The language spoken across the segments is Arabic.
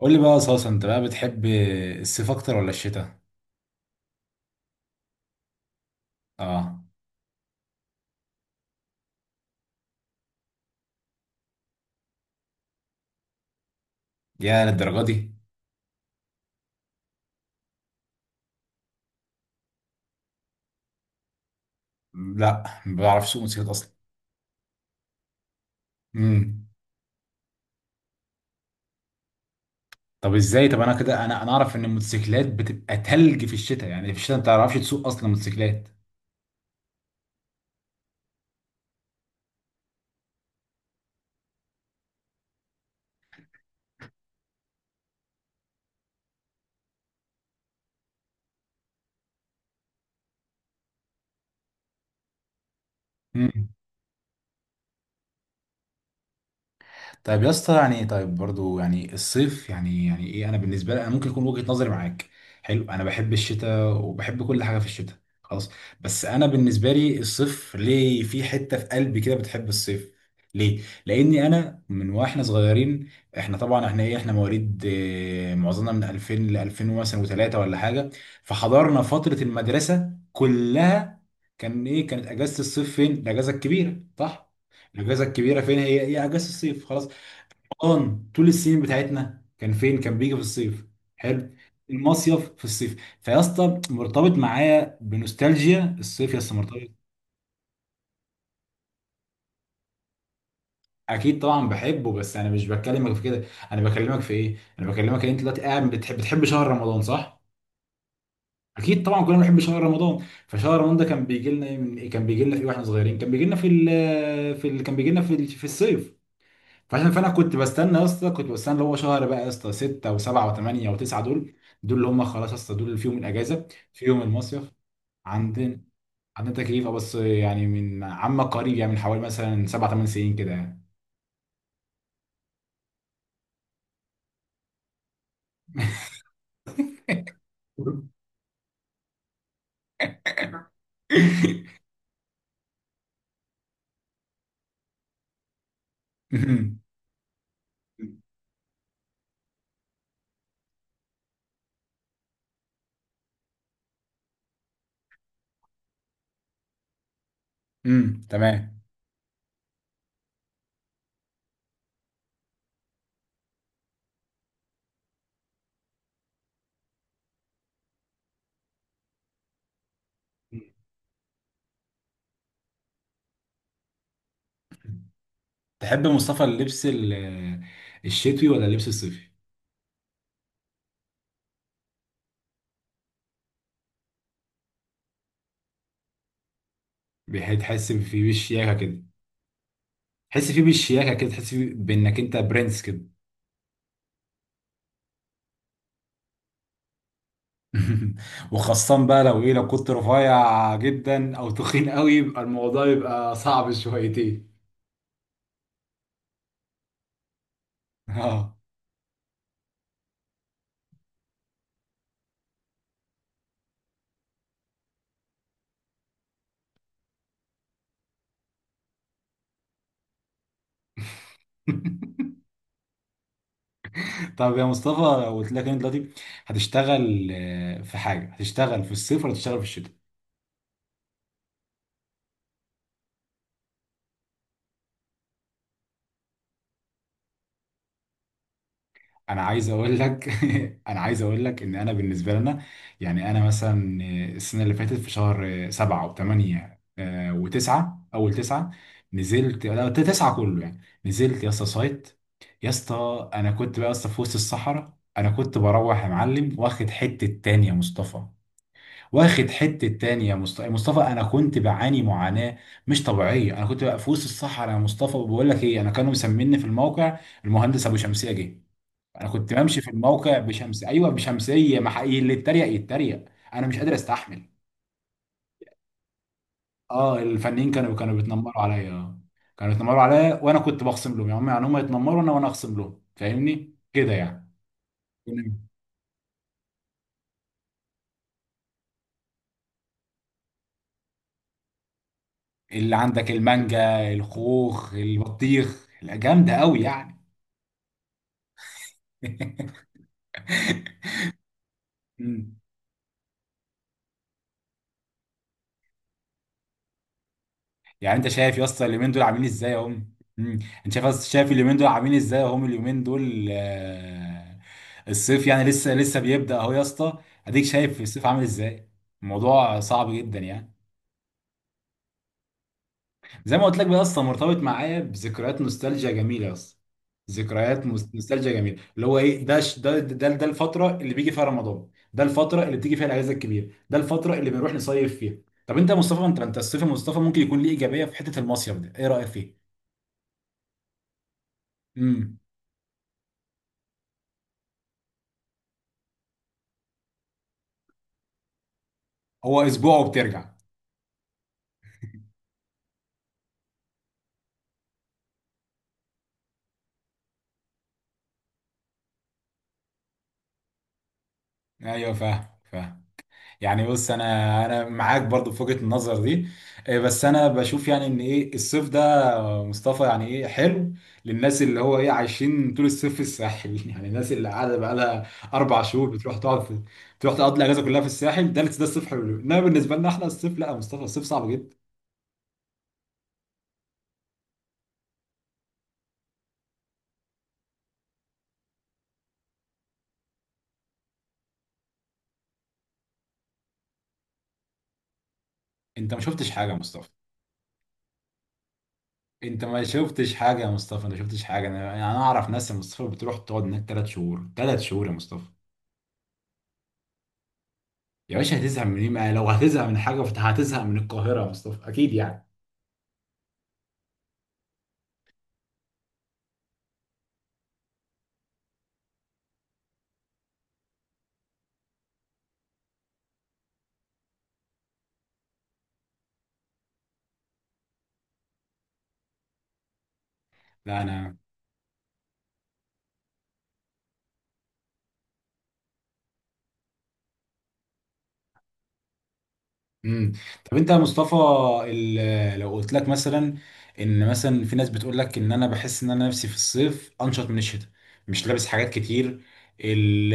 قول لي بقى يا صاصة، انت بقى بتحب الصيف اكتر ولا الشتاء؟ اه. يا للدرجه دي. لا، ما بعرف اسوق موتوسيكلات اصلا. امم طب ازاي؟ طب انا كده، انا اعرف ان الموتوسيكلات بتبقى تلج في الشتاء. يعني في الشتاء انت ما تعرفش تسوق اصلا موتوسيكلات. طيب يا اسطى، يعني طيب برضو يعني الصيف يعني ايه، انا بالنسبه لي انا ممكن يكون وجهه نظري معاك حلو. انا بحب الشتاء وبحب كل حاجه في الشتاء، خلاص. بس انا بالنسبه لي الصيف ليه في حته في قلبي كده بتحب الصيف. ليه؟ لاني انا من واحنا صغيرين، احنا طبعا احنا ايه، احنا مواليد، معظمنا من 2000 ل 2000 مثلا وثلاثه ولا حاجه. فحضرنا فتره المدرسه كلها. كان ايه؟ كانت اجازه الصيف، فين الاجازه الكبيره؟ صح. الاجازه الكبيره فين؟ هي هي اجازه الصيف، خلاص. رمضان طول السنين بتاعتنا كان فين؟ كان بيجي في الصيف، حلو. المصيف في الصيف. فيا اسطى مرتبط معايا بنوستالجيا الصيف، يا اسطى مرتبط. اكيد طبعا بحبه، بس انا مش بكلمك في كده. انا بكلمك في ايه؟ انا بكلمك ان انت دلوقتي قاعد بتحب شهر رمضان، صح؟ اكيد طبعا كلنا بنحب شهر رمضان. فشهر رمضان ده كان بيجي لنا إيه؟ من إيه؟ كان بيجي لنا في ايه واحنا صغيرين؟ كان بيجي لنا في ال في ال كان بيجي لنا في ال- في الصيف. فعشان فانا كنت بستنى يا اسطى، كنت بستنى اللي هو شهر بقى يا اسطى، 6 و7 و8 و9 دول، دول اللي هم خلاص يا اسطى، دول اللي فيهم الاجازه فيهم المصيف. عندنا. عندنا تكليف اه، بس يعني من عم قريب، يعني من حوالي مثلا 7 8 سنين كده يعني. تمام. تحب مصطفى اللبس الشتوي ولا اللبس الصيفي؟ تحس فيه بالشياكه كده. تحس فيه بالشياكه كده، تحس فيه بانك انت برنس كده. وخاصة بقى لو ايه، لو كنت رفيع جدا او تخين قوي يبقى الموضوع يبقى صعب شويتين. اه. طب يا مصطفى، لو قلت لك إن انت دلوقتي هتشتغل في حاجة، هتشتغل في الصيف ولا هتشتغل في الشتاء؟ انا عايز اقول لك. انا عايز اقول لك ان انا بالنسبه لنا، يعني انا مثلا السنه اللي فاتت في شهر سبعة وثمانية وتسعة، اول تسعة نزلت. لا تسعة كله يعني، نزلت يا اسطى سايت. يا اسطى انا كنت بقى يا اسطى في وسط الصحراء، انا كنت بروح يا معلم واخد حته تانية يا مصطفى، واخد حته تانية يا مصطفى. يا مصطفى انا كنت بعاني معاناه مش طبيعيه. انا كنت بقى في وسط الصحراء يا مصطفى، وبقول لك ايه، انا كانوا مسميني في الموقع المهندس ابو شمسيه. جه انا كنت بمشي في الموقع بشمس، ايوه بشمسيه، ما حقيقي اللي اتريق يتريق، انا مش قادر استحمل. اه الفنانين كانوا بيتنمروا عليا اه. كانوا بيتنمروا عليا وانا كنت بخصم لهم، يعني هم، يعني هم يتنمروا انا، وانا اخصم لهم، فاهمني كده يعني. كنا- اللي عندك المانجا، الخوخ، البطيخ، لا، جامده قوي يعني. يعني انت شايف يا اسطى اليومين دول عاملين ازاي هم، انت شايف شايف اليومين دول عاملين ازاي هم اليومين دول، الصيف يعني لسه بيبدأ اهو يا اسطى، اديك شايف الصيف عامل ازاي. الموضوع صعب جدا يعني. زي ما قلت لك بقى يا اسطى، مرتبط معايا بذكريات نوستالجيا جميله يا اسطى. ذكريات نوستالجيا جميله. اللي هو ايه، ده ش- ده ده ده الفتره اللي بيجي فيها رمضان، ده الفتره اللي بتيجي فيها الاجازه الكبيره، ده الفتره اللي بنروح نصيف فيها. طب انت يا مصطفى، انت الصيف يا مصطفى ممكن يكون ليه ايجابيه في حته المصيف ده، ايه رايك فيه؟ هو اسبوع وبترجع. ايوه فاهم، فاهم. يعني بص انا معاك برضو في وجهة النظر دي. بس انا بشوف يعني ان ايه، الصيف ده مصطفى يعني ايه حلو للناس اللي هو ايه عايشين طول الصيف في الساحل. يعني الناس اللي قاعده بقى لها اربع شهور بتروح تقعد في، بتروح تقضي الاجازه كلها في الساحل، ده ده الصيف حلو. انما بالنسبه لنا احنا الصيف لا يا مصطفى، الصيف صعب جدا. انت ما شفتش حاجه يا مصطفى، انت ما شفتش حاجه يا مصطفى، انت ما شفتش حاجه. انا اعرف ناس يا مصطفى بتروح تقعد هناك ثلاث شهور، ثلاث شهور يا مصطفى. يا باشا هتزهق من ايه؟ ما لو هتزهق من حاجه فانت هتزهق من القاهره يا مصطفى اكيد يعني. لا انا. امم طب انت يا مصطفى، لو قلت لك مثلا ان مثلا في ناس بتقول لك ان انا بحس ان انا نفسي في الصيف انشط من الشتاء، مش لابس حاجات كتير، ال-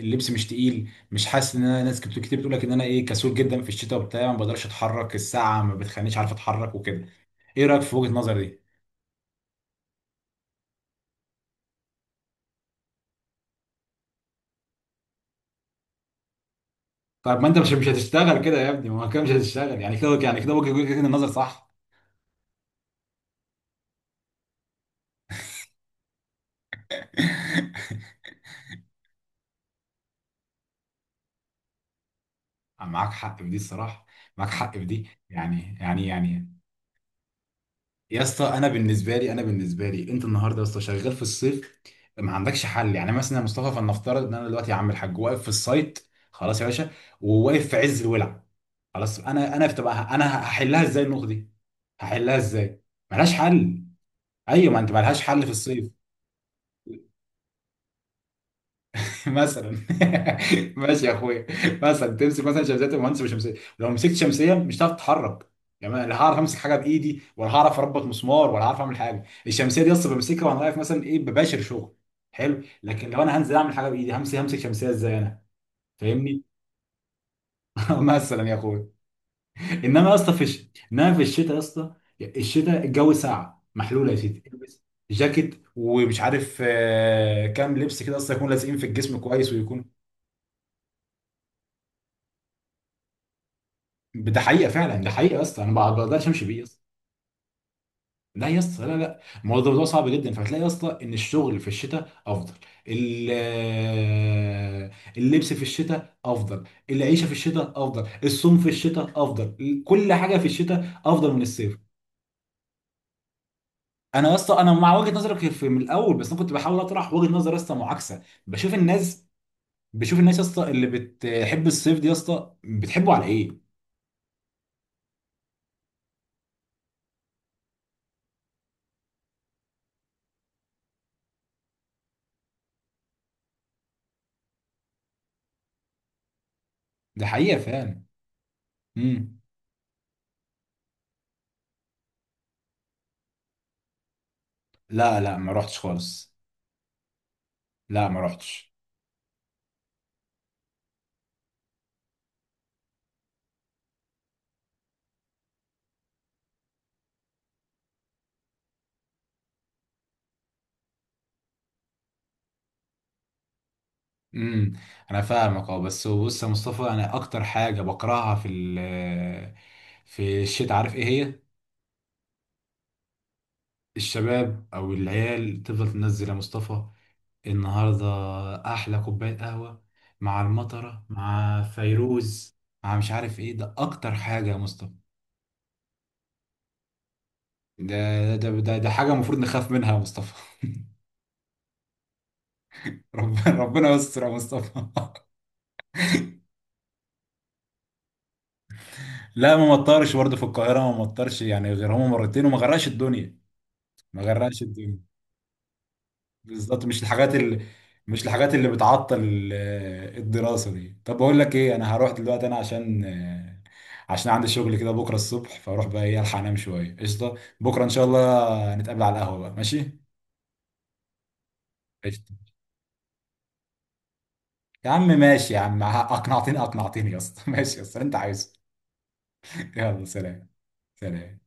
اللبس مش تقيل، مش حاسس ان انا، ناس كتير كتير بتقول لك ان انا ايه، كسول جدا في الشتاء وبتاع، ما بقدرش اتحرك، الساعه ما بتخلينيش عارف اتحرك وكده. ايه رايك في وجهه النظر دي؟ طيب ما انت مش هتشتغل كده يا ابني، ما هو كده مش هتشتغل يعني، كده يعني كده وجهة النظر صح. معاك حق في دي الصراحه. معاك حق في دي، يعني. يا اسطى انا بالنسبه لي، انا بالنسبه لي انت النهارده يا اسطى شغال في الصيف ما عندكش حل. يعني مثلا يا مصطفى، فلنفترض ان انا دلوقتي يا عم الحاج واقف في السايت خلاص يا باشا، وواقف في عز الولع خلاص. انا هحلها ازاي النقطه دي، هحلها ازاي؟ ملهاش حل. ايوه، ما انت ملهاش حل في الصيف. مثلا. ماشي يا اخويا، مثلا تمسك مثلا شمسيه، تبقى مهندس بالشمسيه. لو مسكت شمسيه مش هتعرف تتحرك، يعني أنا لا هعرف امسك حاجه بايدي، ولا هعرف اربط مسمار، ولا هعرف اعمل حاجه. الشمسيه دي اصلا بمسكها وانا واقف مثلا ايه بباشر شغل، حلو. لكن لو انا هنزل اعمل حاجه بايدي، همسك شمسيه ازاي انا؟ فاهمني. مثلا يا اخويا. انما يا اسطى انما في الشتاء يا اسطى، الشتاء الجو ساقع محلول يا سيدي، البس جاكيت ومش عارف كام لبس كده، اصلا يكون لازقين في الجسم كويس. ده حقيقه فعلا، ده حقيقه يا اسطى، انا ما بقدرش امشي بيه يا اسطى. لا يا اسطى، لا لا الموضوع ده موضوع صعب جدا. فهتلاقي يا اسطى ان الشغل في الشتاء افضل، ال- آه، اللبس في الشتاء افضل، العيشه في الشتاء افضل، الصوم في الشتاء افضل، كل حاجه في الشتاء افضل من الصيف. انا يا اسطى انا مع وجهه نظرك في من الاول، بس انا كنت بحاول اطرح وجهه نظر يا اسطى معاكسه. بشوف الناس، بشوف الناس يا اسطى اللي بتحب الصيف دي يا اسطى بتحبه على ايه. ده حقيقه فعلا. امم لا لا، ما رحتش خالص. لا ما رحتش. امم انا فاهمك اه، بس بص يا مصطفى انا اكتر حاجه بكرهها في الشتاء، عارف ايه هي؟ الشباب او العيال تفضل تنزل يا مصطفى النهارده. احلى كوبايه قهوه مع المطره مع فيروز مع مش عارف ايه، ده اكتر حاجه يا مصطفى. ده حاجه المفروض نخاف منها يا مصطفى. ربنا، ربنا يستر يا مصطفى. لا ما مطرش برضه في القاهره، ما مطرش يعني غير هما مرتين، وما غرقش الدنيا، ما غرقش الدنيا. بالظبط. مش الحاجات اللي بتعطل الدراسة دي. طب بقول لك ايه، انا هروح دلوقتي انا عشان عندي شغل كده بكرة الصبح، فاروح بقى ايه الحق انام شوية، قشطة. بكرة ان شاء الله نتقابل على القهوة بقى، ماشي. قشطة. يا عم ماشي يا عم، اقنعتني اقنعتني يا اسطى. ماشي يا اسطى اللي انت عايزه. يلا سلام. سلام.